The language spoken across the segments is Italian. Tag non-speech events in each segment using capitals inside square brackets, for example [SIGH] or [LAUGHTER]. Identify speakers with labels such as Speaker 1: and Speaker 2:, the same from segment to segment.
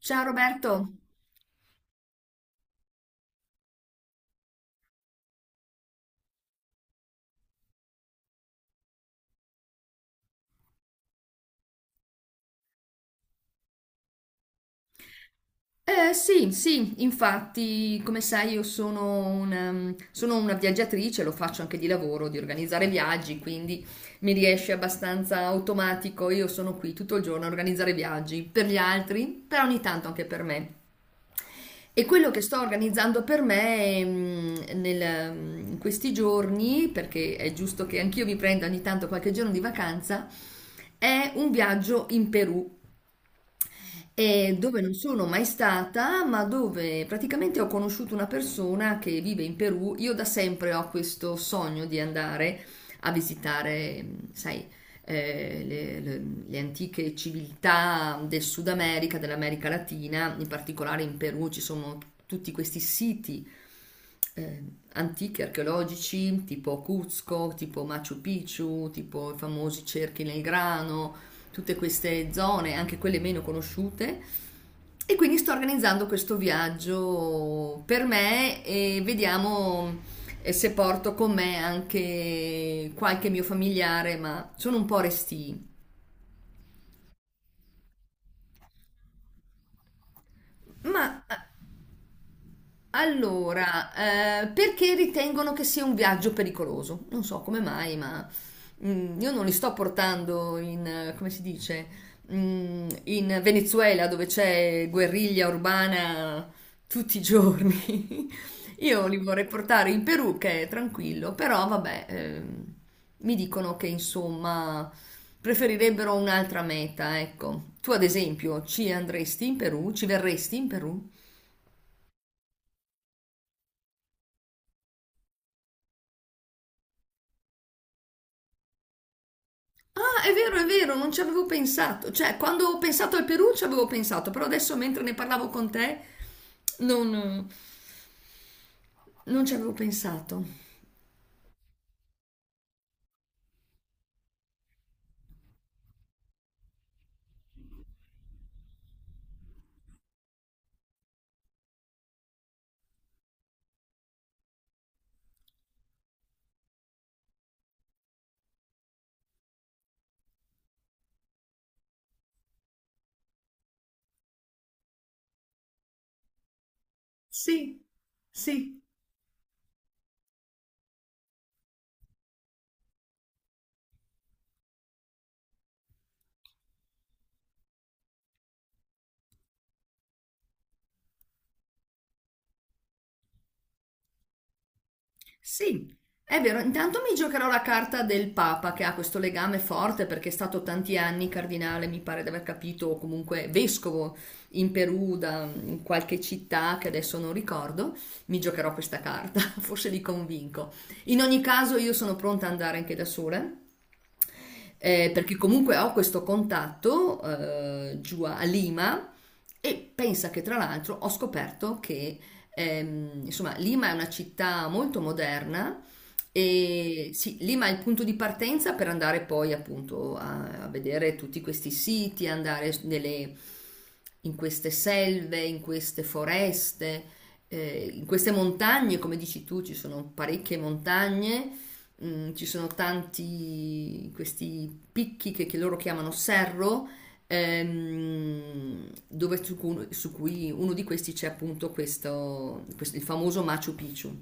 Speaker 1: Ciao Roberto. Sì, sì, infatti, come sai, io sono una viaggiatrice, lo faccio anche di lavoro, di organizzare viaggi, quindi mi riesce abbastanza automatico. Io sono qui tutto il giorno a organizzare viaggi per gli altri, però ogni tanto anche per me. E quello che sto organizzando per me in questi giorni, perché è giusto che anch'io mi prenda ogni tanto qualche giorno di vacanza, è un viaggio in Perù, dove non sono mai stata, ma dove praticamente ho conosciuto una persona che vive in Perù. Io da sempre ho questo sogno di andare a visitare, sai, le antiche civiltà del Sud America, dell'America Latina. In particolare in Perù ci sono tutti questi siti eh, antichi archeologici, tipo Cuzco, tipo Machu Picchu, tipo i famosi cerchi nel grano, tutte queste zone, anche quelle meno conosciute. E quindi sto organizzando questo viaggio per me e vediamo se porto con me anche qualche mio familiare, ma sono un po' restii. Ma allora, perché ritengono che sia un viaggio pericoloso? Non so come mai, ma io non li sto portando in, come si dice, in Venezuela dove c'è guerriglia urbana tutti i giorni. [LAUGHS] Io li vorrei portare in Perù che è tranquillo, però vabbè, mi dicono che insomma preferirebbero un'altra meta, ecco. Tu ad esempio ci andresti in Perù? Ci verresti in Perù? Ah, è vero, non ci avevo pensato. Cioè, quando ho pensato al Perù ci avevo pensato, però adesso mentre ne parlavo con te non, non ci avevo pensato. Sì, sì. Sì, è vero, intanto mi giocherò la carta del Papa che ha questo legame forte perché è stato tanti anni cardinale, mi pare di aver capito, o comunque vescovo in Perù da in qualche città che adesso non ricordo. Mi giocherò questa carta, [LAUGHS] forse li convinco. In ogni caso io sono pronta ad andare anche da sola, perché comunque ho questo contatto giù a Lima, e pensa che tra l'altro ho scoperto che insomma Lima è una città molto moderna e sì, Lima è il punto di partenza per andare poi appunto a vedere tutti questi siti, andare in queste selve, in queste foreste, in queste montagne, come dici tu, ci sono parecchie montagne. Ci sono tanti questi picchi che loro chiamano serro, dove su cui uno di questi c'è appunto il famoso Machu Picchu,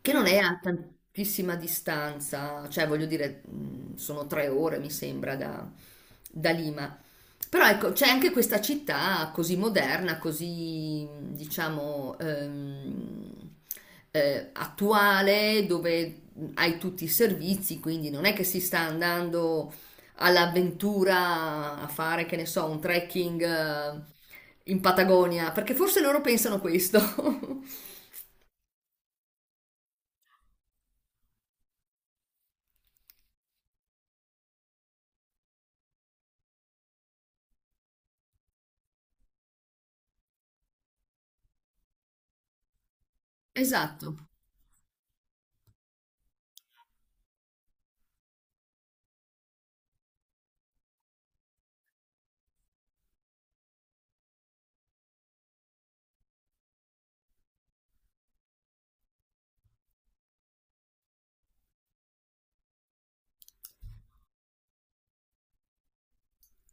Speaker 1: che non è a tantissima distanza, cioè voglio dire, sono 3 ore mi sembra da Lima. Però ecco, c'è anche questa città così moderna, così diciamo attuale, dove hai tutti i servizi, quindi non è che si sta andando all'avventura a fare, che ne so, un trekking in Patagonia, perché forse loro pensano questo. [LAUGHS] Esatto.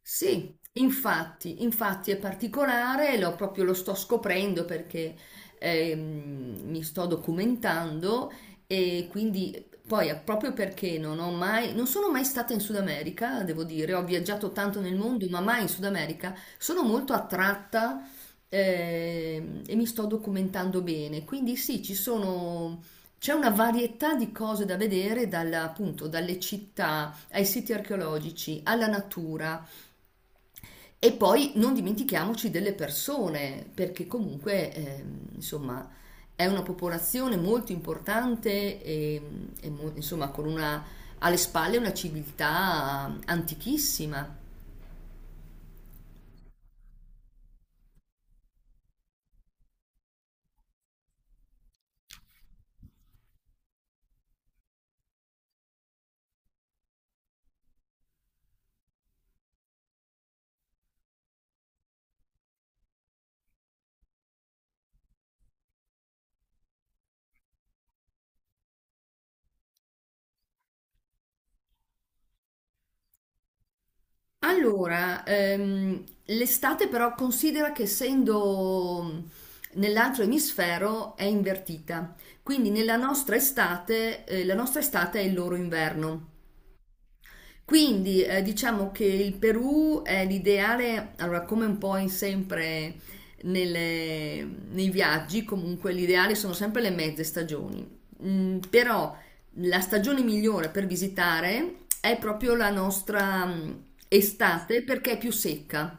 Speaker 1: Sì, infatti, infatti è particolare, lo, proprio lo sto scoprendo perché mi sto documentando. E quindi poi proprio perché non sono mai stata in Sud America, devo dire, ho viaggiato tanto nel mondo, ma mai in Sud America, sono molto attratta, e mi sto documentando bene. Quindi sì, c'è una varietà di cose da vedere, appunto, dalle città ai siti archeologici, alla natura, e poi non dimentichiamoci delle persone, perché comunque, insomma, è una popolazione molto importante e insomma, alle spalle una civiltà antichissima. Allora, l'estate però considera che essendo nell'altro emisfero è invertita, quindi la nostra estate è il loro inverno. Quindi diciamo che il Perù è l'ideale, allora come un po' in sempre nelle- nei viaggi, comunque l'ideale sono sempre le mezze stagioni. Però la stagione migliore per visitare è proprio la nostra estate, perché è più secca.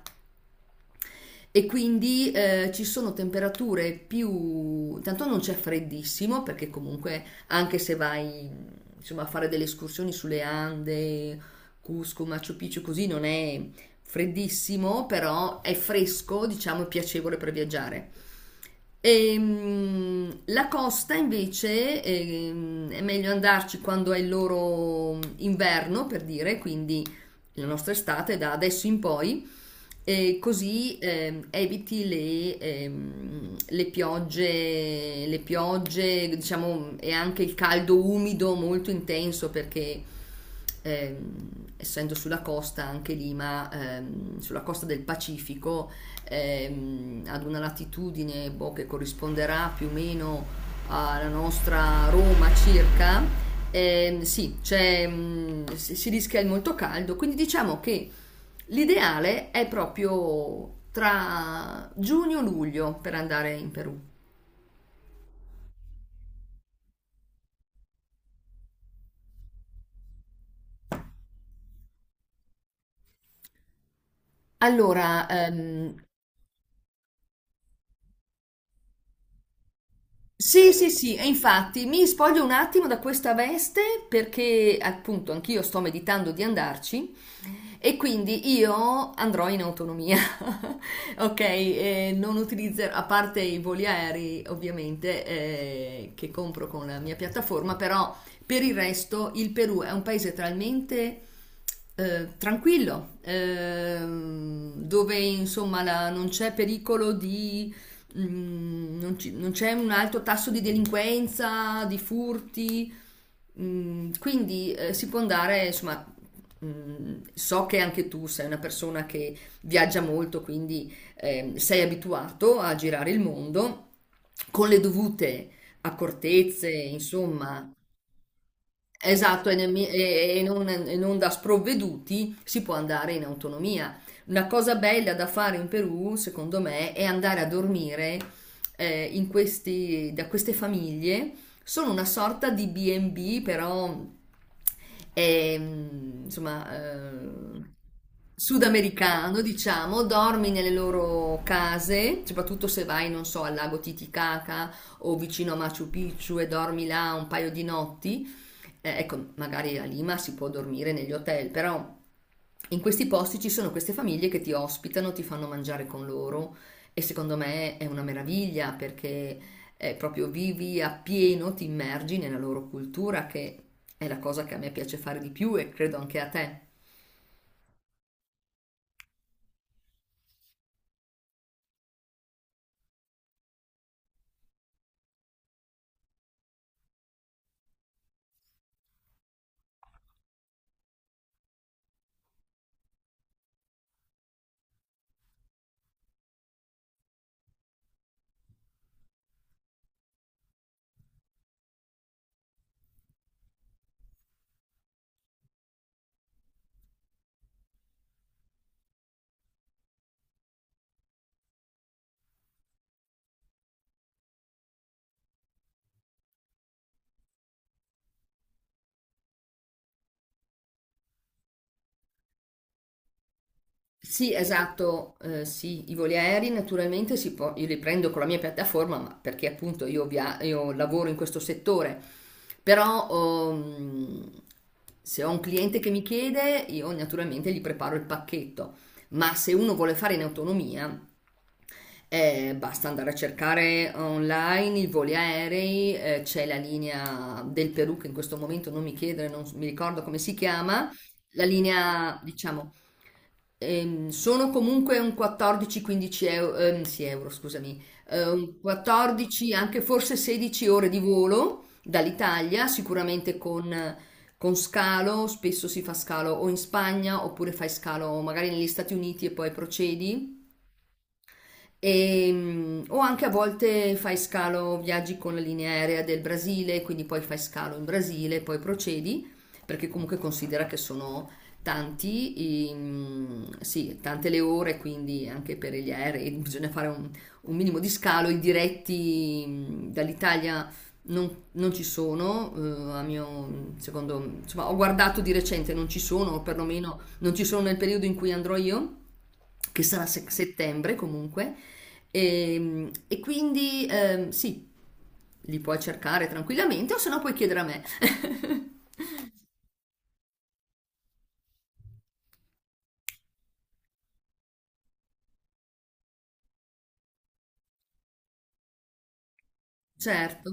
Speaker 1: E quindi ci sono temperature più. Tanto non c'è freddissimo, perché comunque anche se vai, insomma, a fare delle escursioni sulle Ande, Cusco, Machu Picchu, così non è freddissimo, però è fresco, diciamo, e piacevole per viaggiare. La costa invece è meglio andarci quando è il loro inverno, per dire, quindi la nostra estate da adesso in poi, e così eviti le piogge, diciamo, e anche il caldo umido molto intenso, perché ehm, essendo sulla costa anche Lima, sulla costa del Pacifico, ad una latitudine boh, che corrisponderà più o meno alla nostra Roma circa, sì, c'è, mm, si si rischia il molto caldo, quindi diciamo che l'ideale è proprio tra giugno-luglio per andare in Perù. Allora, sì, sì, sì, e infatti mi spoglio un attimo da questa veste perché appunto anch'io sto meditando di andarci. E quindi io andrò in autonomia, [LAUGHS] ok? E non utilizzerò, a parte i voli aerei ovviamente, che compro con la mia piattaforma, però per il resto il Perù è un paese talmente tranquillo, dove insomma non c'è pericolo di. Non c'è un alto tasso di delinquenza, di furti. Quindi si può andare, insomma, so che anche tu sei una persona che viaggia molto, quindi sei abituato a girare il mondo con le dovute accortezze, insomma. Esatto, e non da sprovveduti si può andare in autonomia. Una cosa bella da fare in Perù, secondo me, è andare a dormire da queste famiglie. Sono una sorta di B&B, però insomma, sudamericano, diciamo, dormi nelle loro case, soprattutto se vai, non so, al lago Titicaca o vicino a Machu Picchu, e dormi là un paio di notti. Ecco, magari a Lima si può dormire negli hotel, però in questi posti ci sono queste famiglie che ti ospitano, ti fanno mangiare con loro, e secondo me è una meraviglia perché proprio vivi appieno, ti immergi nella loro cultura, che è la cosa che a me piace fare di più, e credo anche a te. Sì, esatto, sì, i voli aerei naturalmente si può, io li prendo con la mia piattaforma, ma perché appunto io lavoro in questo settore, però ehm, se ho un cliente che mi chiede, io naturalmente gli preparo il pacchetto, ma se uno vuole fare in autonomia, basta andare a cercare online i voli aerei. C'è la linea del Perù che in questo momento non mi chiedere, non s- mi ricordo come si chiama, la linea, diciamo. Sono comunque un 14-15 euro, sì, euro, scusami, un 14, anche forse 16 ore di volo dall'Italia, sicuramente con, scalo, spesso si fa scalo o in Spagna, oppure fai scalo magari negli Stati Uniti e poi procedi. E, o anche a volte fai scalo, viaggi con la linea aerea del Brasile, quindi poi fai scalo in Brasile, poi procedi, perché comunque considera che sono sì, tante le ore, quindi anche per gli aerei [LAUGHS] bisogna fare un minimo di scalo. I diretti dall'Italia non ci sono, a mio secondo, insomma, ho guardato di recente, non ci sono, o perlomeno non ci sono nel periodo in cui andrò io, che sarà settembre comunque. E quindi sì, li puoi cercare tranquillamente o se no puoi chiedere a me. [LAUGHS] Certo.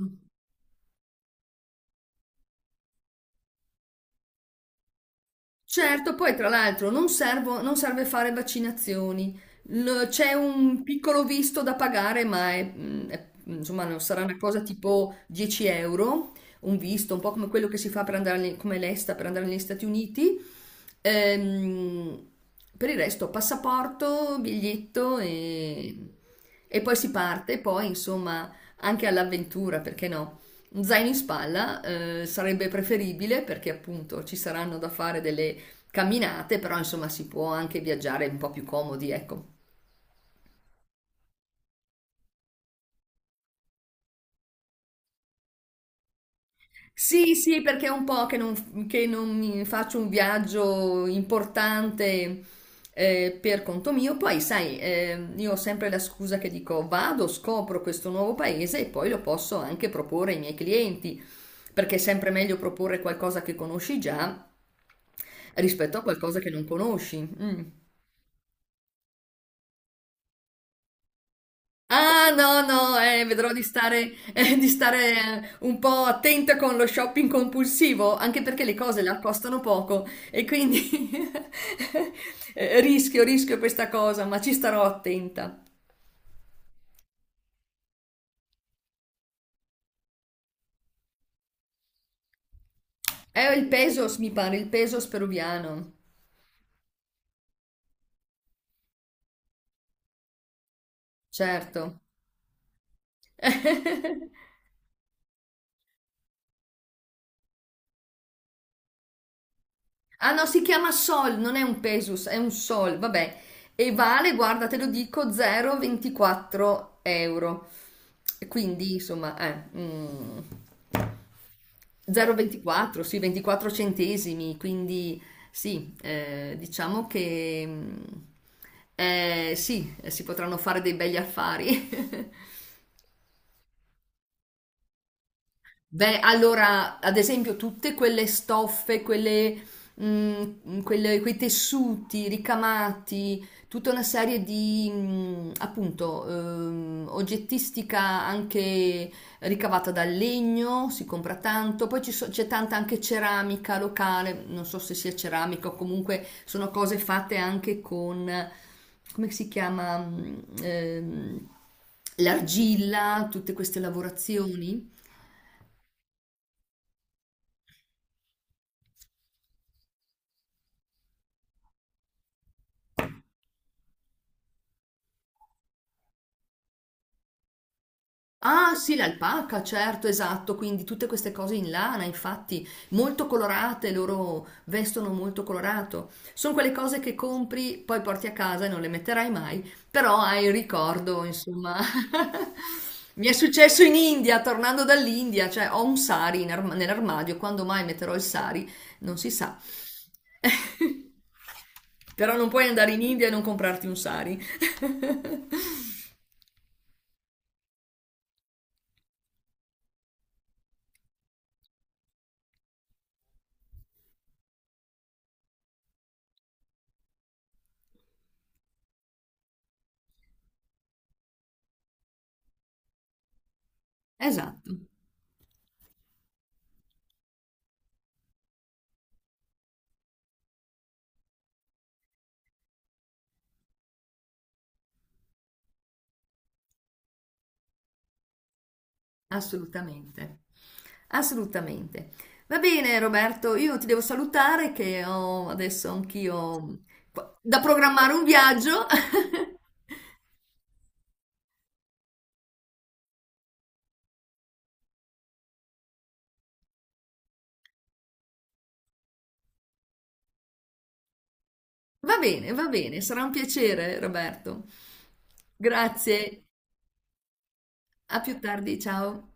Speaker 1: Certo, poi tra l'altro non serve fare vaccinazioni. C'è un piccolo visto da pagare, ma insomma, non sarà una cosa tipo 10 euro, un visto, un po' come quello che si fa per andare, come l'ESTA per andare negli Stati Uniti. Ehm, per il resto, passaporto, biglietto, e poi si parte, poi insomma anche all'avventura, perché no? Un zaino in spalla, sarebbe preferibile perché appunto ci saranno da fare delle camminate, però insomma si può anche viaggiare un po' più comodi, ecco. Sì, sì, perché è un po' che non mi faccio un viaggio importante per conto mio. Poi, sai, io ho sempre la scusa che dico vado, scopro questo nuovo paese e poi lo posso anche proporre ai miei clienti, perché è sempre meglio proporre qualcosa che conosci già rispetto a qualcosa che non conosci. Mm. Ah, no, no, vedrò di stare un po' attenta con lo shopping compulsivo, anche perché le cose là costano poco, e quindi [LAUGHS] rischio questa cosa, ma ci starò attenta. È il pesos, mi pare, il pesos peruviano, certo. [LAUGHS] Ah no, si chiama Sol, non è un Pesus, è un Sol, vabbè. E vale, guarda, te lo dico, 0,24 euro. E quindi, insomma, 0,24, sì, 24 centesimi. Quindi, sì, diciamo che sì, si potranno fare dei begli affari. [LAUGHS] Beh, allora, ad esempio, tutte quelle stoffe, quei tessuti ricamati, tutta una serie di, appunto, oggettistica anche ricavata dal legno, si compra tanto, poi c'è tanta anche ceramica locale, non so se sia ceramica o comunque sono cose fatte anche con, come si chiama, ehm, l'argilla, tutte queste lavorazioni. Ah sì, l'alpaca, certo, esatto, quindi tutte queste cose in lana, infatti, molto colorate, loro vestono molto colorato. Sono quelle cose che compri, poi porti a casa e non le metterai mai, però hai il ricordo, insomma. [LAUGHS] Mi è successo in India, tornando dall'India, cioè ho un sari nell'armadio, quando mai metterò il sari non si sa. [LAUGHS] Però non puoi andare in India e non comprarti un sari. Esatto. Assolutamente, assolutamente. Va bene Roberto, io ti devo salutare che ho adesso anch'io da programmare un viaggio. [LAUGHS] Va bene, sarà un piacere Roberto. Grazie, a più tardi, ciao.